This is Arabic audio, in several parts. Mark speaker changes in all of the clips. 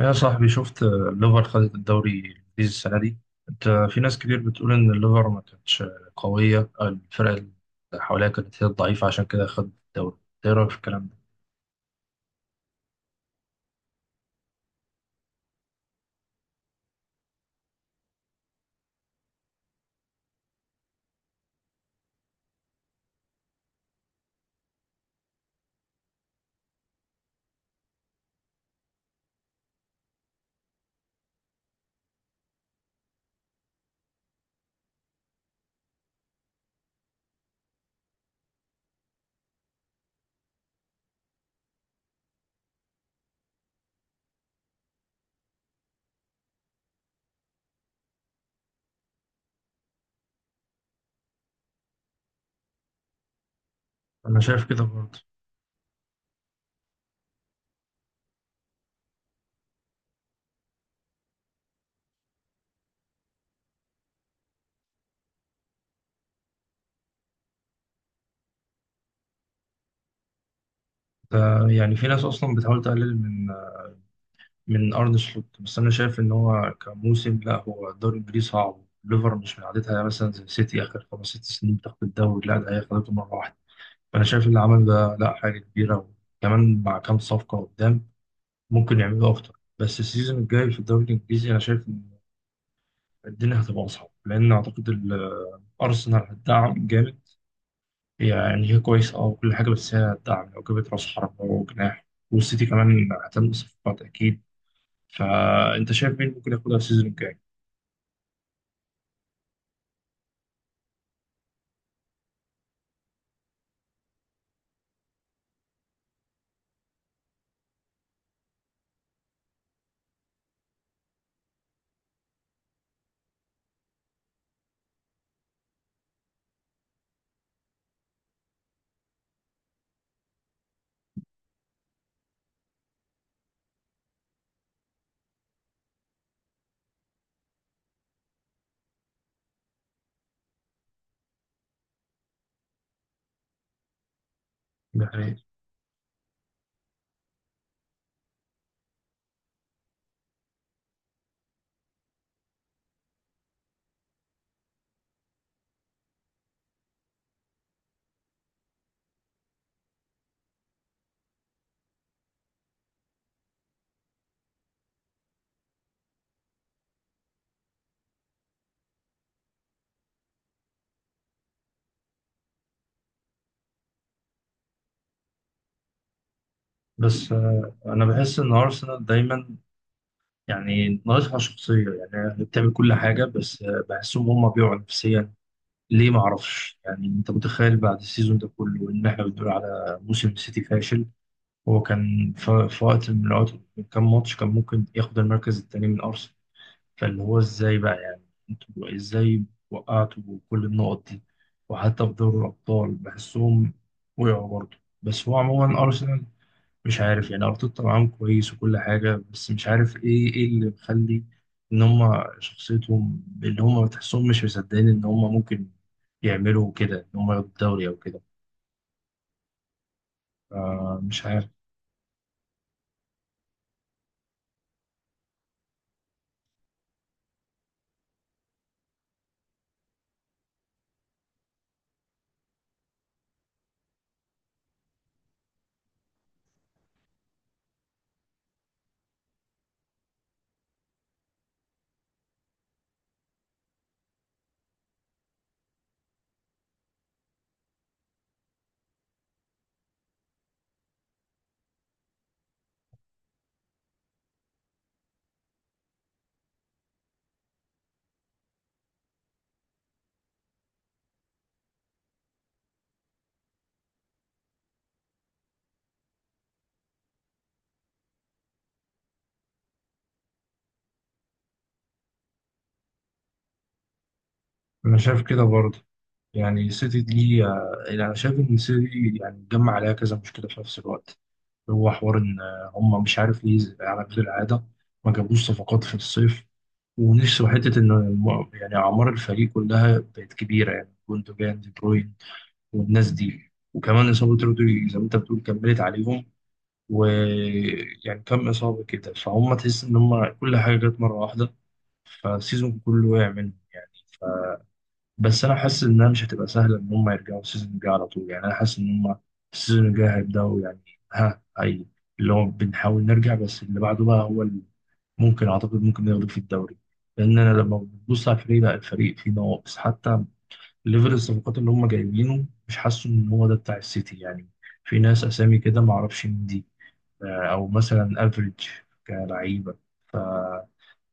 Speaker 1: يا صاحبي شفت الليفر خدت الدوري الإنجليزي السنة دي. أنت في ناس كتير بتقول إن الليفر ما كانتش قوية أو الفرق اللي حواليها كانت هي الضعيفة، عشان كده خد الدوري. إيه رأيك في الكلام ده؟ أنا شايف كده برضه. ده يعني في ناس أصلا بتحاول تقلل من من أرن سلوت، بس أنا شايف إن هو كموسم، لا، هو الدوري الإنجليزي صعب، الليفر مش من عادتها، يعني مثلا زي سيتي آخر خمس ست سنين بتاخد الدوري، لا ده هي خدته مرة واحدة. فأنا شايف اللي عمل ده لا حاجة كبيرة، وكمان مع كام صفقة قدام ممكن يعملوا اكتر. بس السيزون الجاي في الدوري الانجليزي انا شايف ان الدنيا هتبقى اصعب، لان اعتقد ارسنال هتدعم جامد، يعني هي كويسه اه وكل حاجه، بس هي هتدعم لو جابت راس حربه وجناح، والسيتي كمان هتعمل صفقات اكيد. فانت شايف مين ممكن ياخدها السيزون الجاي؟ ده حقيقي. بس انا بحس ان ارسنال دايما يعني ناقصها شخصيه، يعني هي بتعمل كل حاجه بس بحسهم هم بيقعوا نفسيا. ليه؟ ما اعرفش. يعني انت متخيل بعد السيزون ده كله ان احنا بنقول على موسم سيتي فاشل؟ هو كان في وقت من الوقت من كام ماتش كان ممكن ياخد المركز الثاني من ارسنال. فاللي هو ازاي بقى يعني؟ انتوا ازاي وقعتوا كل النقط دي؟ وحتى في دوري الابطال بحسهم وقعوا برضه. بس هو عموما ارسنال مش عارف، يعني ارتيتا معاهم كويس وكل حاجه، بس مش عارف ايه اللي مخلي ان هم شخصيتهم اللي هم تحسهم مش مصدقين ان هم ممكن يعملوا كده، ان هم ياخدوا الدوري او كده. مش عارف. انا شايف كده برضه. يعني السيتي دي انا شايف ان السيتي يعني اتجمع عليها كذا مشكله في نفس الوقت. هو حوار ان هم مش عارف ليه، على غير العاده ما جابوش صفقات في الصيف، ونفسه حته ان يعني اعمار الفريق كلها بقت كبيره، يعني جوندوجان دي بروين والناس دي، وكمان إصابة رودري زي ما أنت بتقول كملت عليهم، ويعني كم إصابة كده، فهم تحس إن هم كل حاجة جت مرة واحدة، فالسيزون كله وقع منهم يعني. ف... بس أنا حاسس إنها مش هتبقى سهلة إن هم يرجعوا السيزون الجاي على طول، يعني أنا حاسس إن هم السيزون الجاي هيبدأوا يعني ها أي اللي هو بنحاول نرجع، بس اللي بعده بقى هو اللي ممكن أعتقد ممكن ياخدوا في الدوري. لأن أنا لما ببص على الفريق، لا، الفريق فيه نواقص، حتى ليفل الصفقات اللي هم جايبينه مش حاسه ان هو ده بتاع السيتي يعني. في ناس اسامي كده ما اعرفش مين دي، او مثلا افريج كلعيبه.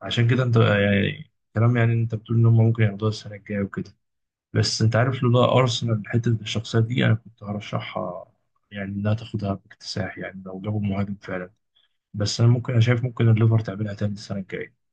Speaker 1: عشان كده انت يعني كلام، يعني انت بتقول ان هم ممكن ياخدوها السنه الجايه وكده، بس انت عارف لولا ارسنال حته الشخصيه دي انا كنت هرشحها، يعني انها تاخدها باكتساح، يعني لو جابوا مهاجم فعلا. بس انا ممكن، انا شايف ممكن الليفر تعملها تاني السنه الجايه.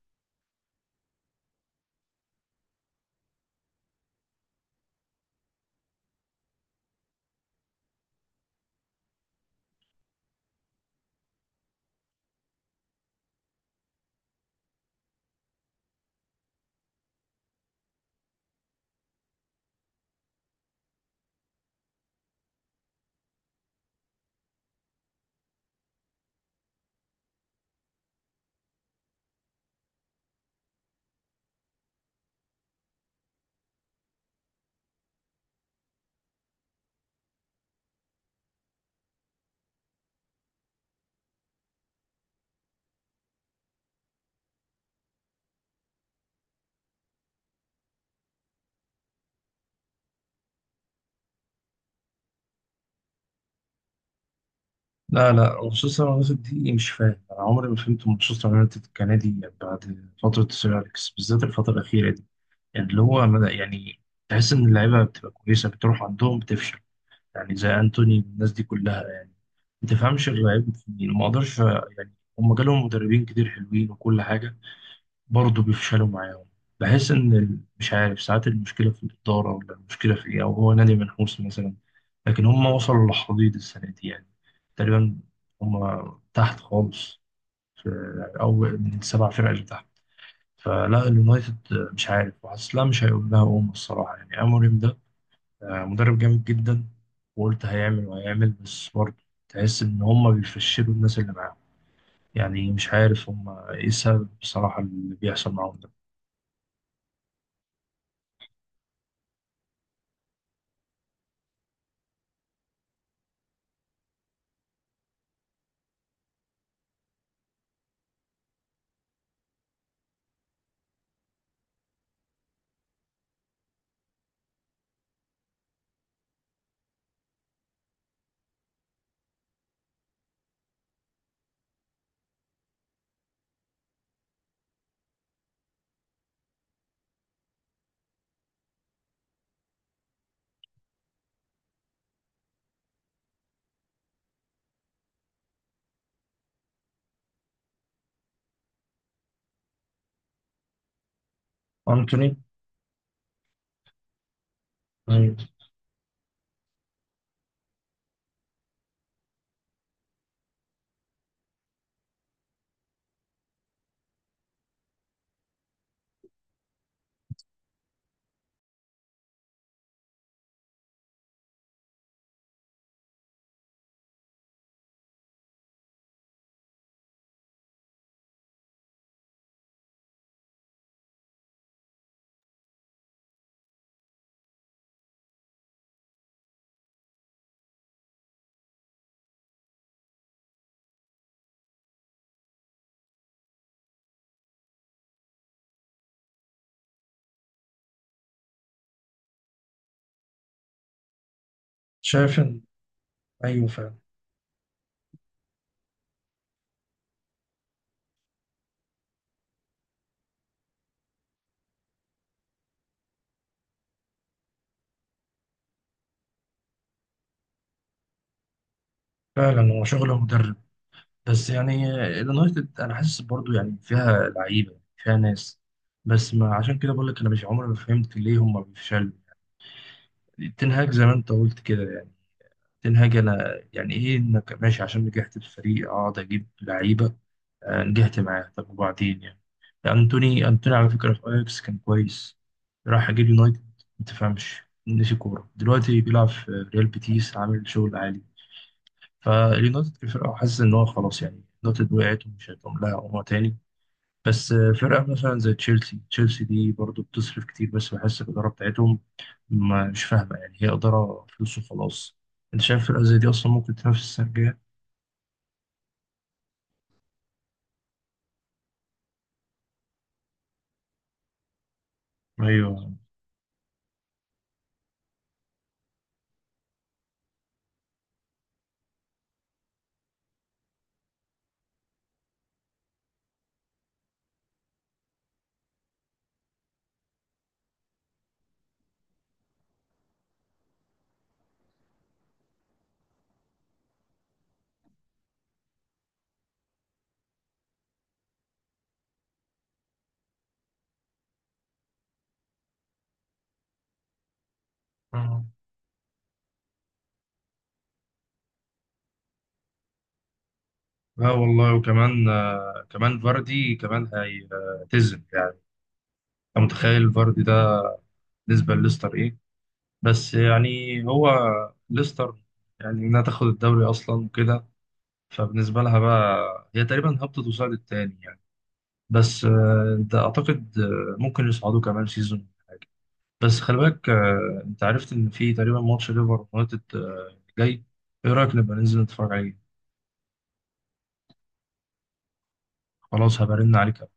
Speaker 1: لا لا، مانشستر يونايتد دي مش فاهم، انا عمري ما فهمت مانشستر يونايتد كنادي بعد فتره سير اليكس، بالذات الفتره الاخيره دي. يعني اللي هو يعني تحس ان اللعيبه بتبقى كويسه بتروح عندهم بتفشل، يعني زي انتوني والناس دي كلها يعني. ما تفهمش اللعيب في مين، ما اقدرش، يعني هم جالهم مدربين كتير حلوين وكل حاجه، برضه بيفشلوا معاهم. بحس ان مش عارف، ساعات المشكله في الاداره، ولا المشكله في ايه، او هو نادي منحوس مثلا. لكن هم وصلوا لحضيض السنه دي يعني، تقريبا هم تحت خالص، في او من السبع فرق اللي تحت. فلا، اليونايتد مش عارف، وحاسس لا مش هيقول لها قوم الصراحه، يعني اموريم ده مدرب جامد جدا، وقلت هيعمل وهيعمل، بس برضه تحس ان هم بيفشلوا الناس اللي معاهم. يعني مش عارف هم ايه السبب بصراحه اللي بيحصل معاهم ده. انتوني. ايوه. شايف ان. ايوه فعلا. فعلا هو شغله مدرب. بس يعني اليونايتد انا حاسس برضو يعني فيها لعيبه فيها ناس، بس ما عشان كده بقول لك، انا مش عمري ما فهمت ليه هم بيفشلوا. تنهاج زي ما انت قلت كده يعني، تنهاج انا يعني ايه انك ماشي عشان نجحت الفريق اقعد اجيب لعيبه؟ نجحت معاه، طب وبعدين؟ يعني انتوني، انتوني على فكره في اياكس كان كويس، راح اجيب يونايتد ما تفهمش، نسي كوره، دلوقتي بيلعب في ريال بيتيس عامل شغل عالي. فاليونايتد كفرقة حاسس إن هو خلاص، يعني يونايتد وقعت ومش هيقوم لها عمرها تاني. بس فرقة مثلا زي تشيلسي، تشيلسي دي برضو بتصرف كتير، بس بحس الإدارة بتاعتهم مش فاهمة، يعني هي إدارة فلوس وخلاص. أنت شايف فرقة زي دي أصلا ممكن تنافس السنة الجاية؟ أيوه. آه. لا والله، وكمان كمان فاردي كمان هيعتزل يعني، أنت متخيل فاردي ده بالنسبة لليستر إيه؟ بس يعني هو ليستر يعني إنها تاخد الدوري أصلا وكده، فبالنسبة لها بقى هي تقريبا هبطت وصعدت تاني يعني. بس ده أعتقد ممكن يصعدوا كمان سيزون حاجة. بس خلي بالك، أنت عرفت إن في تقريبا ماتش ليفر ويونايتد جاي. إيه رأيك نبقى ننزل نتفرج عليه؟ خلاص هبرن عليك.